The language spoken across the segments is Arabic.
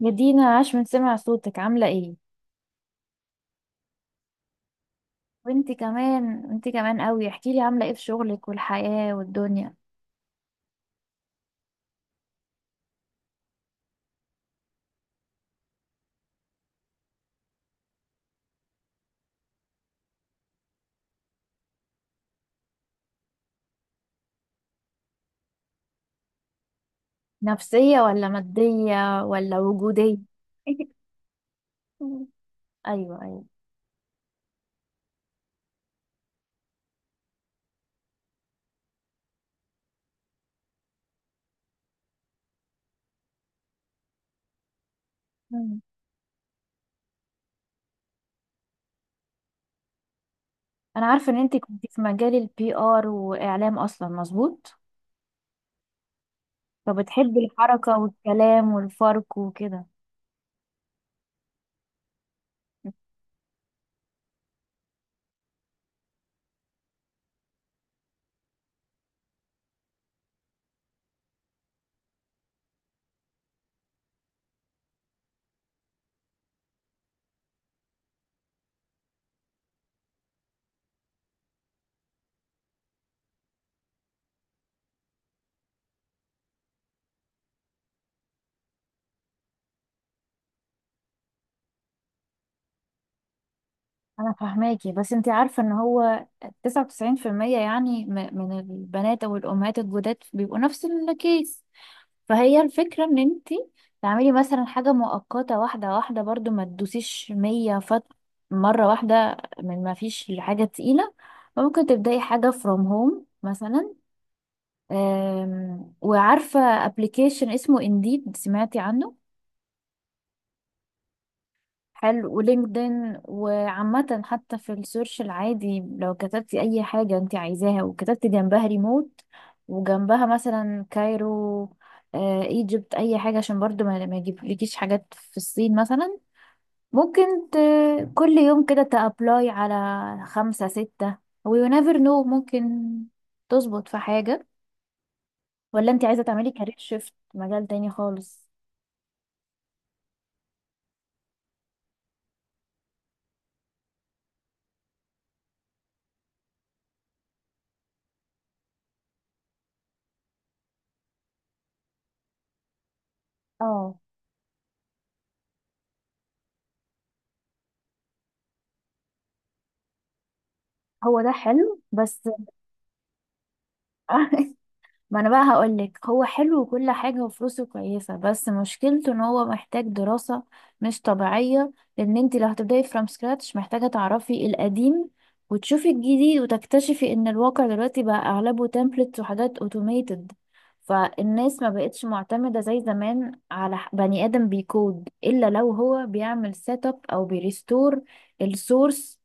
يا دينا، عاش من سمع صوتك. عاملة ايه؟ وانت كمان قوي. احكيلي عاملة ايه في شغلك والحياة والدنيا. نفسية ولا مادية ولا وجودية؟ ايوه، ايوه. مم. انا عارفة ان انت كنت في مجال البي ار واعلام اصلا، مظبوط؟ فبتحبي الحركة والكلام والفرق وكده. انا فاهماكي، بس انت عارفة ان هو 99% يعني، من البنات او الامهات الجداد بيبقوا نفس الكيس. فهي الفكرة ان انتي تعملي مثلا حاجة مؤقتة، واحدة واحدة، برضو ما تدوسيش مية فت، مرة واحدة، من ما فيش لحاجة تقيلة. ممكن تبدأي حاجة from home مثلا. وعارفة application اسمه Indeed؟ سمعتي عنه؟ حلو، ولينكدين، وعامة حتى في السيرش العادي لو كتبتي أي حاجة أنت عايزاها وكتبتي جنبها ريموت، وجنبها مثلا كايرو، ايجيبت، اي حاجة، عشان برضو ما يجيبلكيش حاجات في الصين مثلا. ممكن كل يوم كده تابلاي على خمسة ستة، ويو نيفر نو، ممكن تظبط في حاجة. ولا انت عايزة تعملي كارير شيفت، مجال تاني خالص؟ اه، هو ده حلو بس. ما انا بقى هقولك، هو حلو وكل حاجة وفلوسه كويسة، بس مشكلته ان هو محتاج دراسة مش طبيعية. لان انت لو هتبدأي فروم سكراتش محتاجة تعرفي القديم وتشوفي الجديد، وتكتشفي ان الواقع دلوقتي بقى اغلبه تمبلتس وحاجات اوتوميتد. فالناس ما بقتش معتمدة زي زمان على بني آدم بيكود، إلا لو هو بيعمل سيت اب أو بيريستور السورس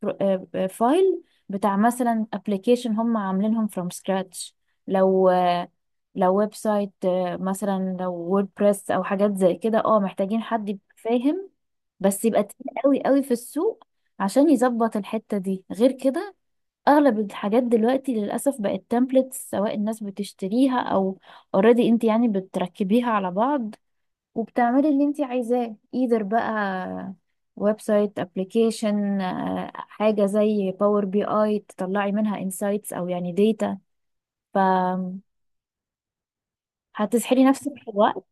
فايل بتاع مثلا ابلكيشن هم عاملينهم فروم سكراتش. لو لو ويب سايت، مثلا لو ووردبريس او حاجات زي كده، اه محتاجين حد يبقى فاهم، بس يبقى تقيل قوي قوي في السوق عشان يظبط الحتة دي. غير كده اغلب الحاجات دلوقتي للاسف بقت تمبلتس، سواء الناس بتشتريها او اوريدي انت يعني بتركبيها على بعض وبتعملي اللي انت عايزاه، ايذر بقى ويب سايت، ابلكيشن، حاجة زي باور بي اي تطلعي منها انسايتس او يعني داتا. ف هتسحلي نفسك في الوقت.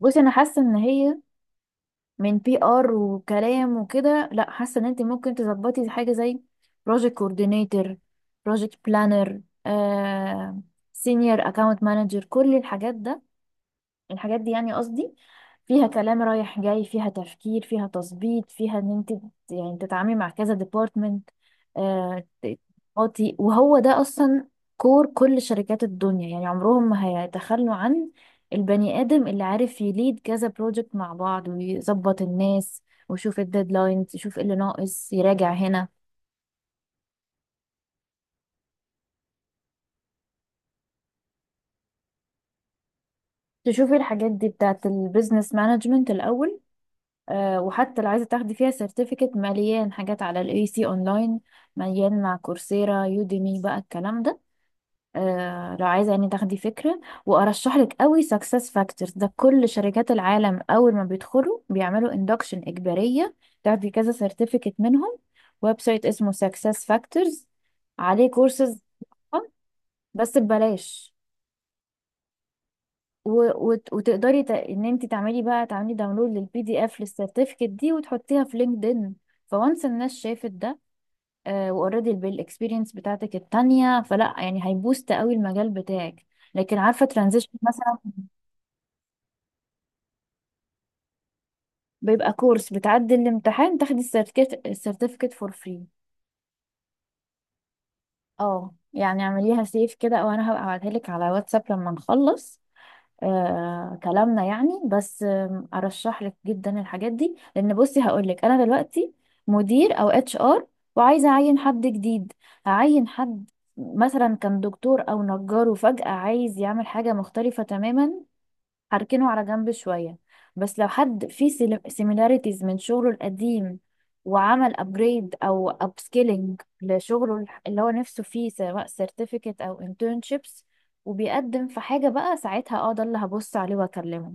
بصي، انا حاسه ان هي من بي ار وكلام وكده، لا، حاسه ان انت ممكن تظبطي حاجه زي بروجكت كوردينيتور، بروجكت بلانر، سينيور اكاونت مانجر، كل الحاجات ده. الحاجات دي يعني، قصدي، فيها كلام رايح جاي، فيها تفكير، فيها تظبيط، فيها ان انت يعني تتعاملي مع كذا ديبارتمنت. آه ت- وهو ده اصلا كور كل شركات الدنيا. يعني عمرهم ما هيتخلوا عن البني ادم اللي عارف يليد كذا بروجكت مع بعض، ويظبط الناس، ويشوف الديدلاينز، يشوف اللي ناقص، يراجع هنا. تشوفي الحاجات دي بتاعت البيزنس مانجمنت الاول. وحتى لو عايزة تاخدي فيها سيرتيفيكت، مليان حاجات على الاي سي اونلاين، مليان مع كورسيرا، يوديمي، بقى الكلام ده. لو عايزة يعني تاخدي فكرة، وارشح لك قوي سكسس فاكتورز. ده كل شركات العالم اول ما بيدخلوا بيعملوا اندكشن اجبارية، تاخدي كذا سيرتيفيكت منهم. ويب سايت اسمه سكسس فاكتورز، عليه كورسز، بس ببلاش. وتقدري ان انت تعملي، بقى تعملي داونلود للبي دي اف للسيرتيفيكت دي، وتحطيها في لينكدين. فوانس الناس شافت ده واوريدي بالاكسبيرينس بتاعتك التانية، فلا يعني هيبوست قوي المجال بتاعك. لكن عارفة، ترانزيشن مثلا. بيبقى كورس، بتعدي الامتحان، تاخدي السيرتيفيكت. السيرتيفيكت فور فري. اه يعني اعمليها سيف كده، او انا هبقى ابعتها لك على واتساب لما نخلص كلامنا يعني. بس ارشح لك جدا الحاجات دي. لان بصي هقول لك، انا دلوقتي مدير او اتش ار، وعايزه اعين حد جديد. هعين حد مثلا كان دكتور او نجار، وفجأة عايز يعمل حاجه مختلفه تماما؟ هركنه على جنب شوية. بس لو حد فيه سيميلاريتيز من شغله القديم، وعمل ابجريد او upskilling لشغله، اللي هو نفسه فيه، سواء certificate او internships، وبيقدم في حاجة، بقى ساعتها اه ده اللي هبص عليه واكلمه.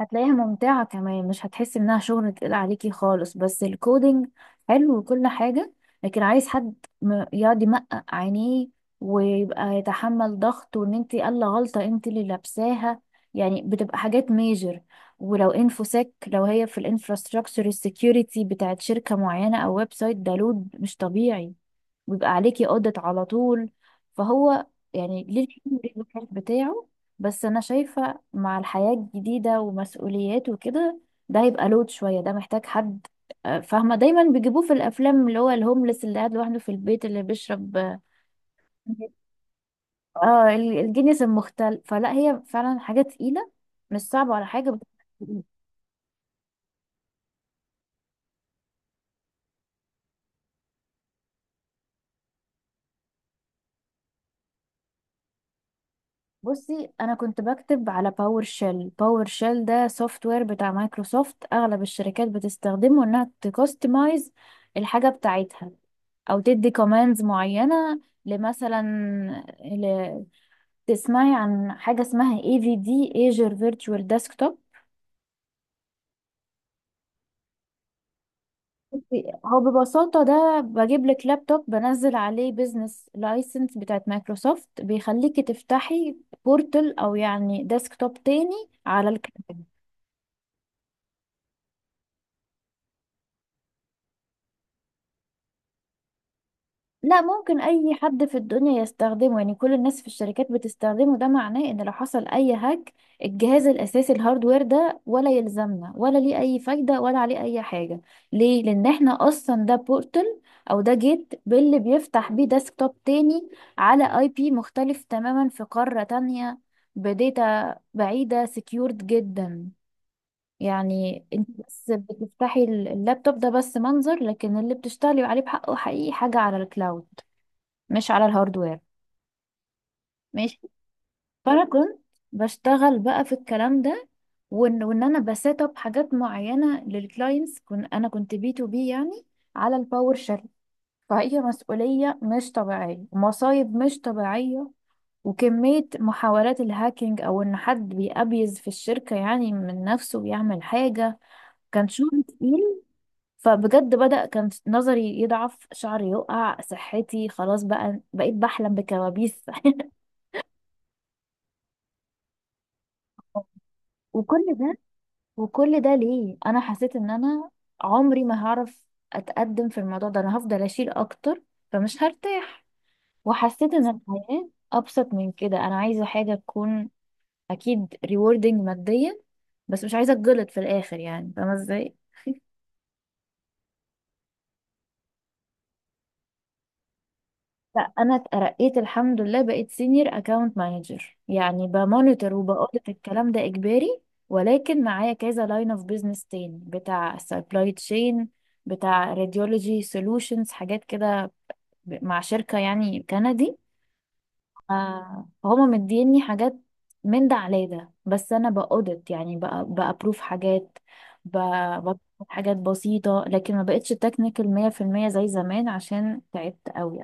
هتلاقيها ممتعة كمان، مش هتحس انها شغل تقيل عليكي خالص. بس الكودينج حلو وكل حاجة، لكن عايز حد يقعد يمقق عينيه، ويبقى يتحمل ضغط، وان انت قال غلطة انت اللي لابساها. يعني بتبقى حاجات ميجر. ولو انفوسيك، لو هي في الانفراستراكشر السكيورتي بتاعت شركة معينة او ويب سايت، ده لود مش طبيعي. ويبقى عليكي audit على طول. فهو يعني ليه الحلو وليه الوحش بتاعه. بس انا شايفة مع الحياة الجديدة ومسؤوليات وكده، ده هيبقى لود شوية. ده محتاج حد، فاهمة، دايما بيجيبوه في الافلام، اللي هو الهوملس اللي قاعد لوحده في البيت اللي بيشرب. اه، الجنس المختل. فلا هي فعلا حاجة تقيلة، مش صعبة ولا حاجة. بصي، انا كنت بكتب على باور شيل. باور شيل ده سوفت وير بتاع مايكروسوفت، اغلب الشركات بتستخدمه، انها تكستمايز الحاجه بتاعتها، او تدي كوماندز معينه لمثلا ل... تسمعي عن حاجه اسمها اي في دي، ايجر فيرتشوال ديسكتوب. هو ببساطه ده بجيب لك لابتوب، بنزل عليه بيزنس لايسنس بتاعت مايكروسوفت، بيخليكي تفتحي بورتل او يعني ديسكتوب تاني على الكلاود. لا، ممكن اي حد في الدنيا يستخدمه. يعني كل الناس في الشركات بتستخدمه. ده معناه ان لو حصل اي هاك، الجهاز الاساسي الهاردوير ده ولا يلزمنا، ولا ليه اي فايدة، ولا عليه اي حاجة. ليه؟ لان احنا اصلا ده بورتل، او ده جيت باللي بيفتح بيه ديسكتوب تاني على اي بي مختلف تماما في قارة تانية، بداتا بعيدة، سكيورد جدا. يعني انت بس بتفتحي اللابتوب ده بس منظر، لكن اللي بتشتغلي عليه بحقه حقيقي حاجة على الكلاود، مش على الهاردوير. ماشي. فانا كنت بشتغل بقى في الكلام ده، وان انا بسيت اب حاجات معينه للكلاينتس، كن انا كنت بي تو بي يعني، على الباور شيل. فهي مسؤوليه مش طبيعيه، ومصايب مش طبيعيه، وكميه محاولات الهاكينج، او ان حد بيأبيز في الشركه يعني من نفسه بيعمل حاجه. كان شغل تقيل. فبجد بدأ كان نظري يضعف، شعري يقع، صحتي خلاص، بقى بقيت بحلم بكوابيس. وكل ده، وكل ده، ليه؟ انا حسيت ان انا عمري ما هعرف اتقدم في الموضوع ده. انا هفضل اشيل اكتر، فمش هرتاح. وحسيت ان الحياة ابسط من كده، انا عايزة حاجة تكون اكيد rewarding ماديا، بس مش عايزة اتجلط في الاخر يعني، فاهمة ازاي؟ لا، انا اترقيت الحمد لله. بقيت سينيور اكاونت مانجر، يعني بمونيتور، وبقولت الكلام ده اجباري. ولكن معايا كذا لاين اوف بيزنس تاني، بتاع سبلاي تشين، بتاع راديولوجي سولوشنز، حاجات كده، مع شركة يعني كندي. هما مديني حاجات من ده على ده، بس انا باودت يعني، بأبروف حاجات، ب- بطلب حاجات بسيطة. لكن ما بقتش تكنيكال 100% زي زمان، عشان تعبت قوي.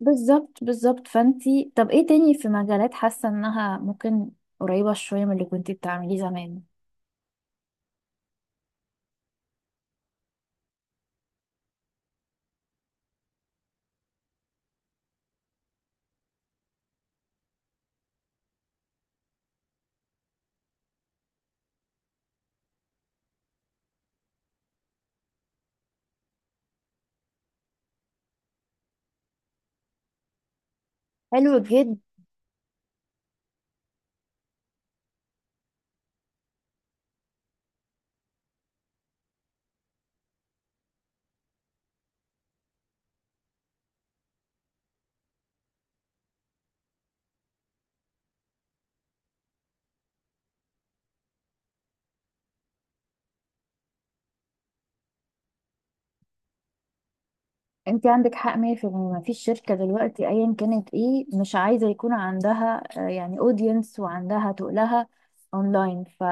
بالظبط، بالظبط. فانتي طب ايه تاني في مجالات حاسة انها ممكن قريبة شوية من اللي كنتي بتعمليه زمان؟ حلو جدا. انتي عندك حق 100%. ما فيش شركة دلوقتي ايا كانت ايه مش عايزة يكون عندها، يعني اودينس، وعندها تقلها اونلاين. ف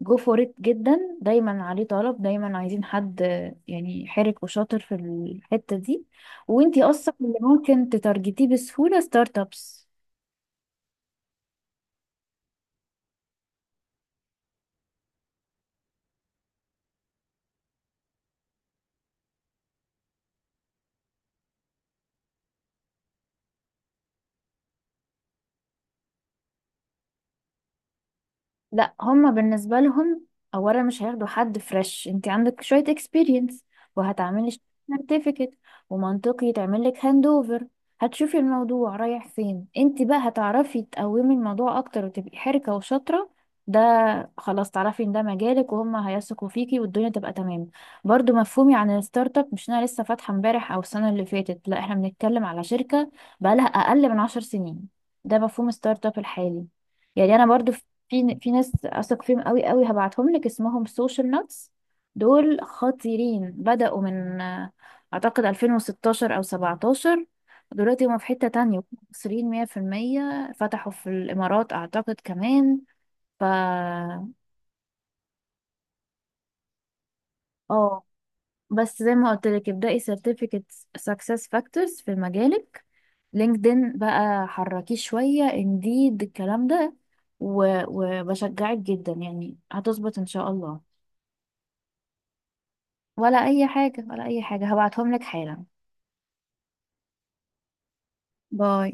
جو فور ات جدا، دايما عليه طلب، دايما عايزين حد يعني حرك وشاطر في الحتة دي. وانتي اصلا اللي ممكن تتارجتيه بسهولة، ستارت ابس. لا هما بالنسبة لهم، اولا مش هياخدوا حد فريش، انت عندك شوية اكسبيرينس، وهتعملي سيرتيفيكت، ومنطقي تعمل لك هاند اوفر. هتشوفي الموضوع رايح فين. انت بقى هتعرفي تقومي الموضوع اكتر، وتبقي حركة وشاطرة. ده خلاص، تعرفي ان ده مجالك، وهما هيثقوا فيكي، والدنيا تبقى تمام. برضو مفهومي عن الستارت اب مش انا لسه فاتحة امبارح او السنة اللي فاتت. لا، احنا بنتكلم على شركة بقالها اقل من 10 سنين. ده مفهوم ستارت اب الحالي. يعني انا برضو في ناس اثق فيهم قوي قوي، هبعتهم لك، اسمهم سوشيال نوتس. دول خطيرين، بدأوا من اعتقد 2016 او 17. دلوقتي هم في حتة تانية. وهم مصريين 100%، فتحوا في الامارات اعتقد كمان. ف اه بس زي ما قلت لك، ابدأي سيرتيفيكت سكسس فاكتورز في مجالك، لينكدين بقى حركيه شوية، انديد، الكلام ده. وبشجعك جدا، يعني هتظبط ان شاء الله. ولا اي حاجة، ولا اي حاجة، هبعتهم لك حالا. باي.